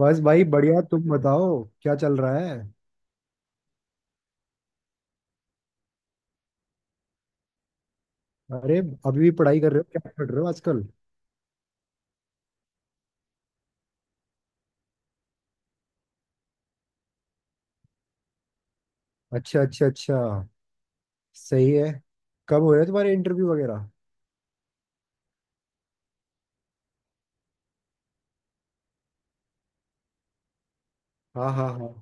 बस भाई बढ़िया, तुम बताओ क्या चल रहा है। अरे, अभी भी पढ़ाई कर रहे हो? क्या पढ़ रहे हो आजकल? अच्छा अच्छा अच्छा, सही है। कब हो रहे तुम्हारे इंटरव्यू वगैरह? हाँ हाँ हाँ।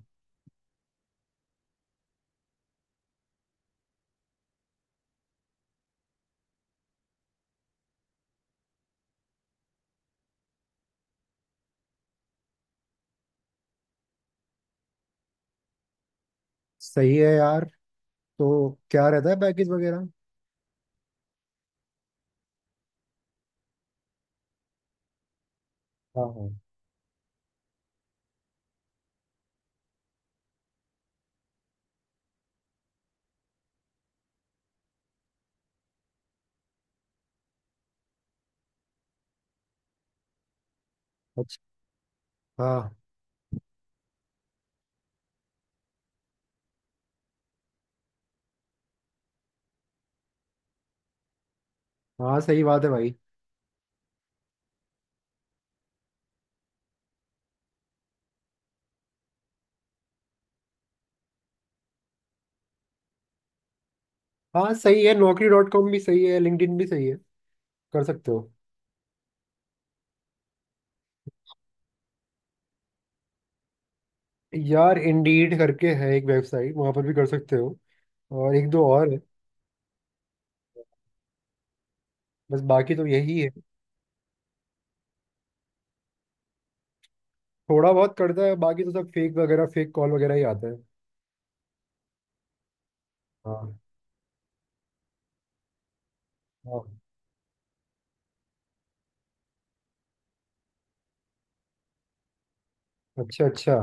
सही है यार। तो क्या रहता है पैकेज वगैरह? हाँ हाँ। अच्छा। हाँ हाँ, सही बात है भाई। हाँ सही है, नौकरी डॉट कॉम भी सही है, लिंक्डइन भी सही है। कर सकते हो। यार इंडीड करके है एक वेबसाइट, वहां पर भी कर सकते हो। और एक दो और है। बस बाकी तो यही है। थोड़ा बहुत करता है, बाकी तो सब फेक वगैरह फेक कॉल वगैरह ही आता है। हाँ हाँ। अच्छा अच्छा।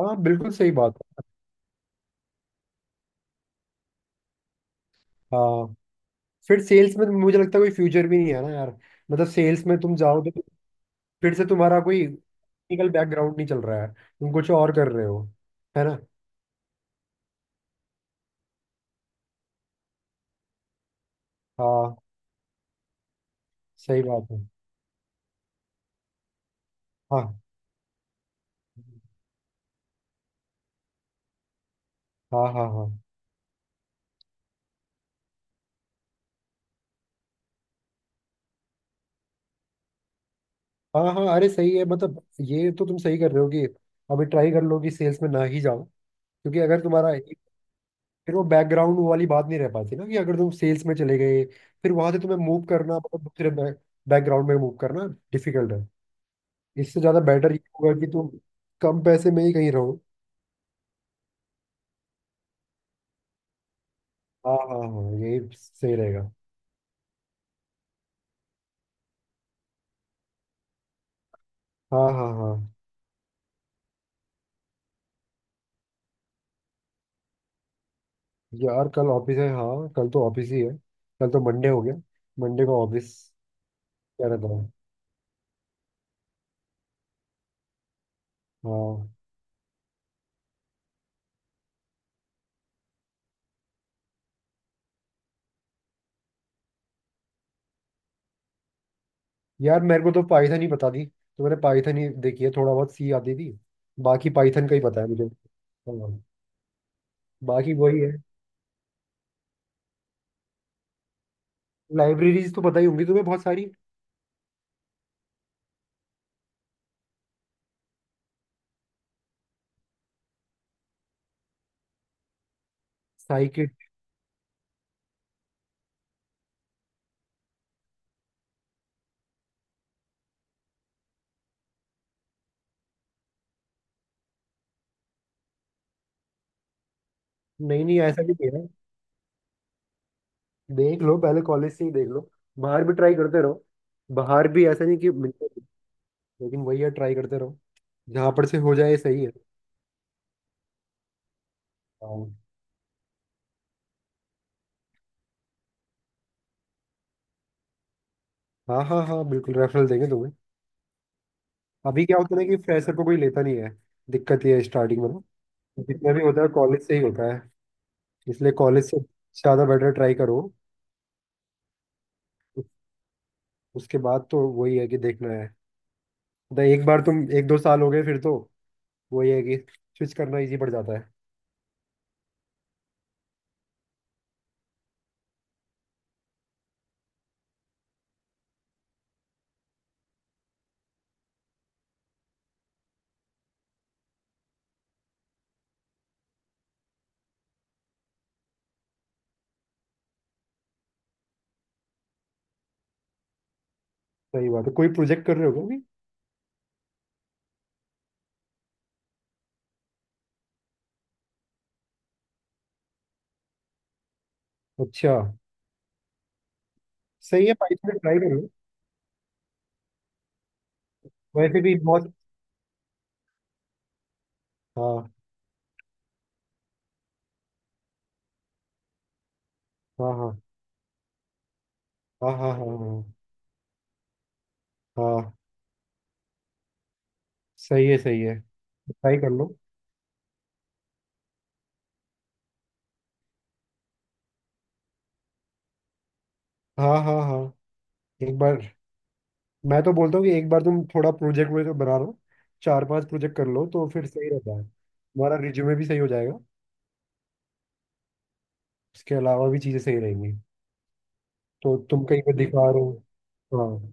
हाँ बिल्कुल सही बात है। हाँ, फिर सेल्स में मुझे लगता है कोई फ्यूचर भी नहीं है ना यार। मतलब सेल्स में तुम जाओ तो फिर से तुम्हारा कोई टेक्निकल बैकग्राउंड नहीं चल रहा है, तुम कुछ और कर रहे हो। है ना। हाँ सही बात है। हाँ हाँ हाँ हाँ हाँ हाँ। अरे सही है, मतलब ये तो तुम सही कर रहे हो कि अभी ट्राई कर लो कि सेल्स में ना ही जाओ। क्योंकि अगर तुम्हारा फिर वो बैकग्राउंड वाली बात नहीं रह पाती ना, कि अगर तुम सेल्स में चले गए फिर वहां से तुम्हें मूव करना, मतलब दूसरे बैकग्राउंड में मूव करना डिफिकल्ट है। इससे ज्यादा बेटर ये होगा कि तुम कम पैसे में ही कहीं रहो। हाँ हाँ हाँ, यही सही रहेगा। हाँ हाँ हाँ। यार कल ऑफिस है, हाँ कल तो ऑफिस ही है। कल तो मंडे हो गया, मंडे को ऑफिस। क्या रहता है। हाँ। यार मेरे को तो पाइथन ही पता थी, तो मैंने पाइथन ही देखी है, थोड़ा बहुत सी आती थी। बाकी पाइथन का ही पता है मुझे, हाँ। बाकी वही है। लाइब्रेरीज तो पता ही होंगी तुम्हें बहुत सारी। साइकिट। नहीं नहीं, ऐसा नहीं कह रहा। देख लो, पहले कॉलेज से ही देख लो। बाहर भी ट्राई करते रहो, बाहर भी ऐसा नहीं कि मिलते नहीं, लेकिन वही है, ट्राई करते रहो। जहाँ पर से हो जाए, सही है। हाँ हाँ हाँ, हाँ, बिल्कुल रेफरल देंगे तुम्हें। अभी क्या होता है ना कि फ्रेशर को कोई लेता नहीं है, दिक्कत ये है स्टार्टिंग में ना। जितना भी होता है कॉलेज से ही होता है, इसलिए कॉलेज से ज़्यादा बेटर ट्राई करो। उस- उसके बाद तो वही है कि देखना है। मतलब एक बार तुम एक दो साल हो गए, फिर तो वही है कि स्विच करना इजी पड़ जाता है। सही बात है। कोई प्रोजेक्ट कर रहे हो क्या अभी? अच्छा। सही है, पाइथन ट्राई करो। वैसे भी बहुत। हाँ हाँ हाँ हाँ हाँ हाँ हाँ हाँ। सही है सही है। ट्राई कर लो। हाँ हाँ हाँ। एक बार मैं तो बोलता हूँ कि एक बार तुम थोड़ा प्रोजेक्ट वोजेक्ट बना लो, चार पांच प्रोजेक्ट कर लो तो फिर सही रहता है, तुम्हारा रिज्यूमे भी सही हो जाएगा। उसके अलावा भी चीज़ें सही रहेंगी। तो तुम कहीं पे दिखा रहे हो। हाँ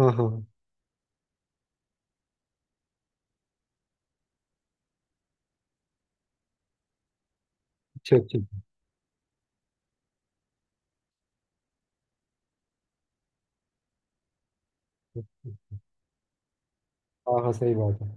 हाँ हाँ। अच्छा अच्छा अच्छा। अच्छा। हाँ हाँ सही बात है।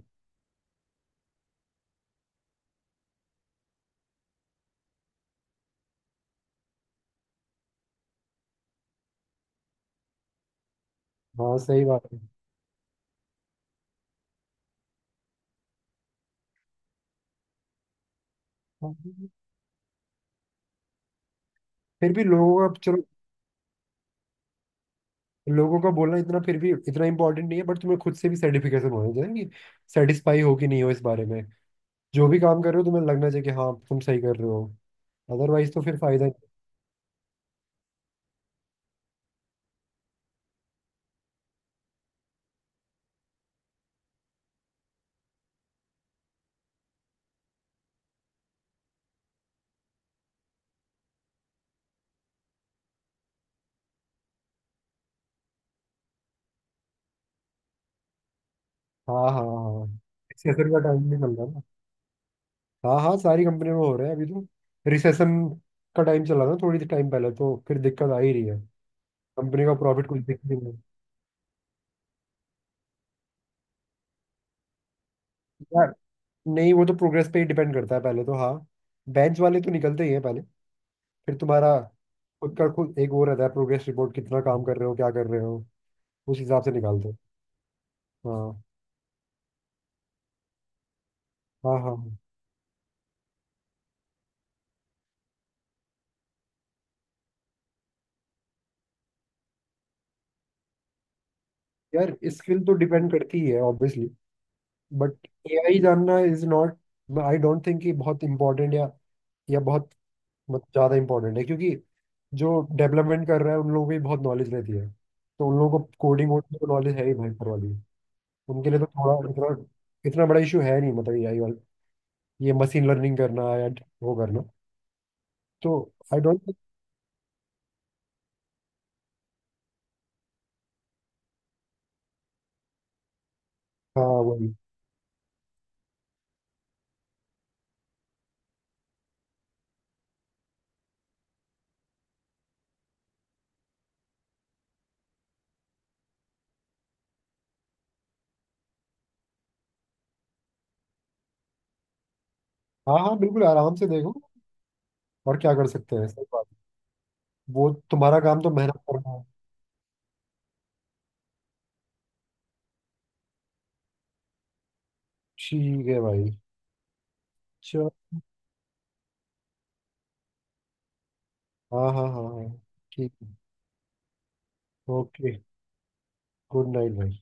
हाँ सही बात है। हाँ, फिर भी लोगों का, चलो, लोगों का बोलना इतना फिर भी इतना इंपॉर्टेंट नहीं है, बट तुम्हें खुद से भी सर्टिफिकेशन होना चाहिए कि सेटिस्फाई हो कि नहीं हो इस बारे में। जो भी काम कर रहे हो तुम्हें लगना चाहिए कि हाँ, तुम सही कर रहे हो। अदरवाइज तो फिर फायदा नहीं। हाँ हाँ हाँ। रिसेशन का टाइम भी चल रहा है ना। हाँ हाँ, सारी कंपनी में हो रहा है अभी तो। रिसेशन का टाइम चला था थोड़ी टाइम पहले, तो फिर दिक्कत आ ही रही है। कंपनी का प्रॉफिट कुछ दिख नहीं रहा है। यार, नहीं, वो तो प्रोग्रेस पे ही डिपेंड करता है पहले तो। हाँ, बेंच वाले तो निकलते ही हैं पहले। फिर तुम्हारा खुद का खुद एक वो रहता है प्रोग्रेस रिपोर्ट, कितना काम कर रहे हो, क्या कर रहे हो, उस हिसाब से निकालते हैं। हाँ हाँ हाँ हाँ। यार स्किल तो डिपेंड करती ही है ऑब्वियसली, बट एआई जानना is not, I don't think कि बहुत इंपॉर्टेंट या बहुत, मत ज़्यादा इंपॉर्टेंट है, क्योंकि जो डेवलपमेंट कर रहा है उन लोगों को भी बहुत नॉलेज रहती है। तो उन लोगों को कोडिंग वोडिंग तो नॉलेज है ही भयंकर वाली। उनके लिए तो थोड़ा इतना इतना बड़ा इशू है नहीं, मतलब एआई वाला, ये मशीन लर्निंग करना या वो करना। तो आई डोंट, हाँ वही। हाँ हाँ, बिल्कुल आराम से देखो। और क्या कर सकते हैं, सही बात। वो तुम्हारा काम तो मेहनत करना है। ठीक है भाई। चलो, हाँ हाँ हाँ हाँ, ठीक है। ओके, गुड नाइट भाई।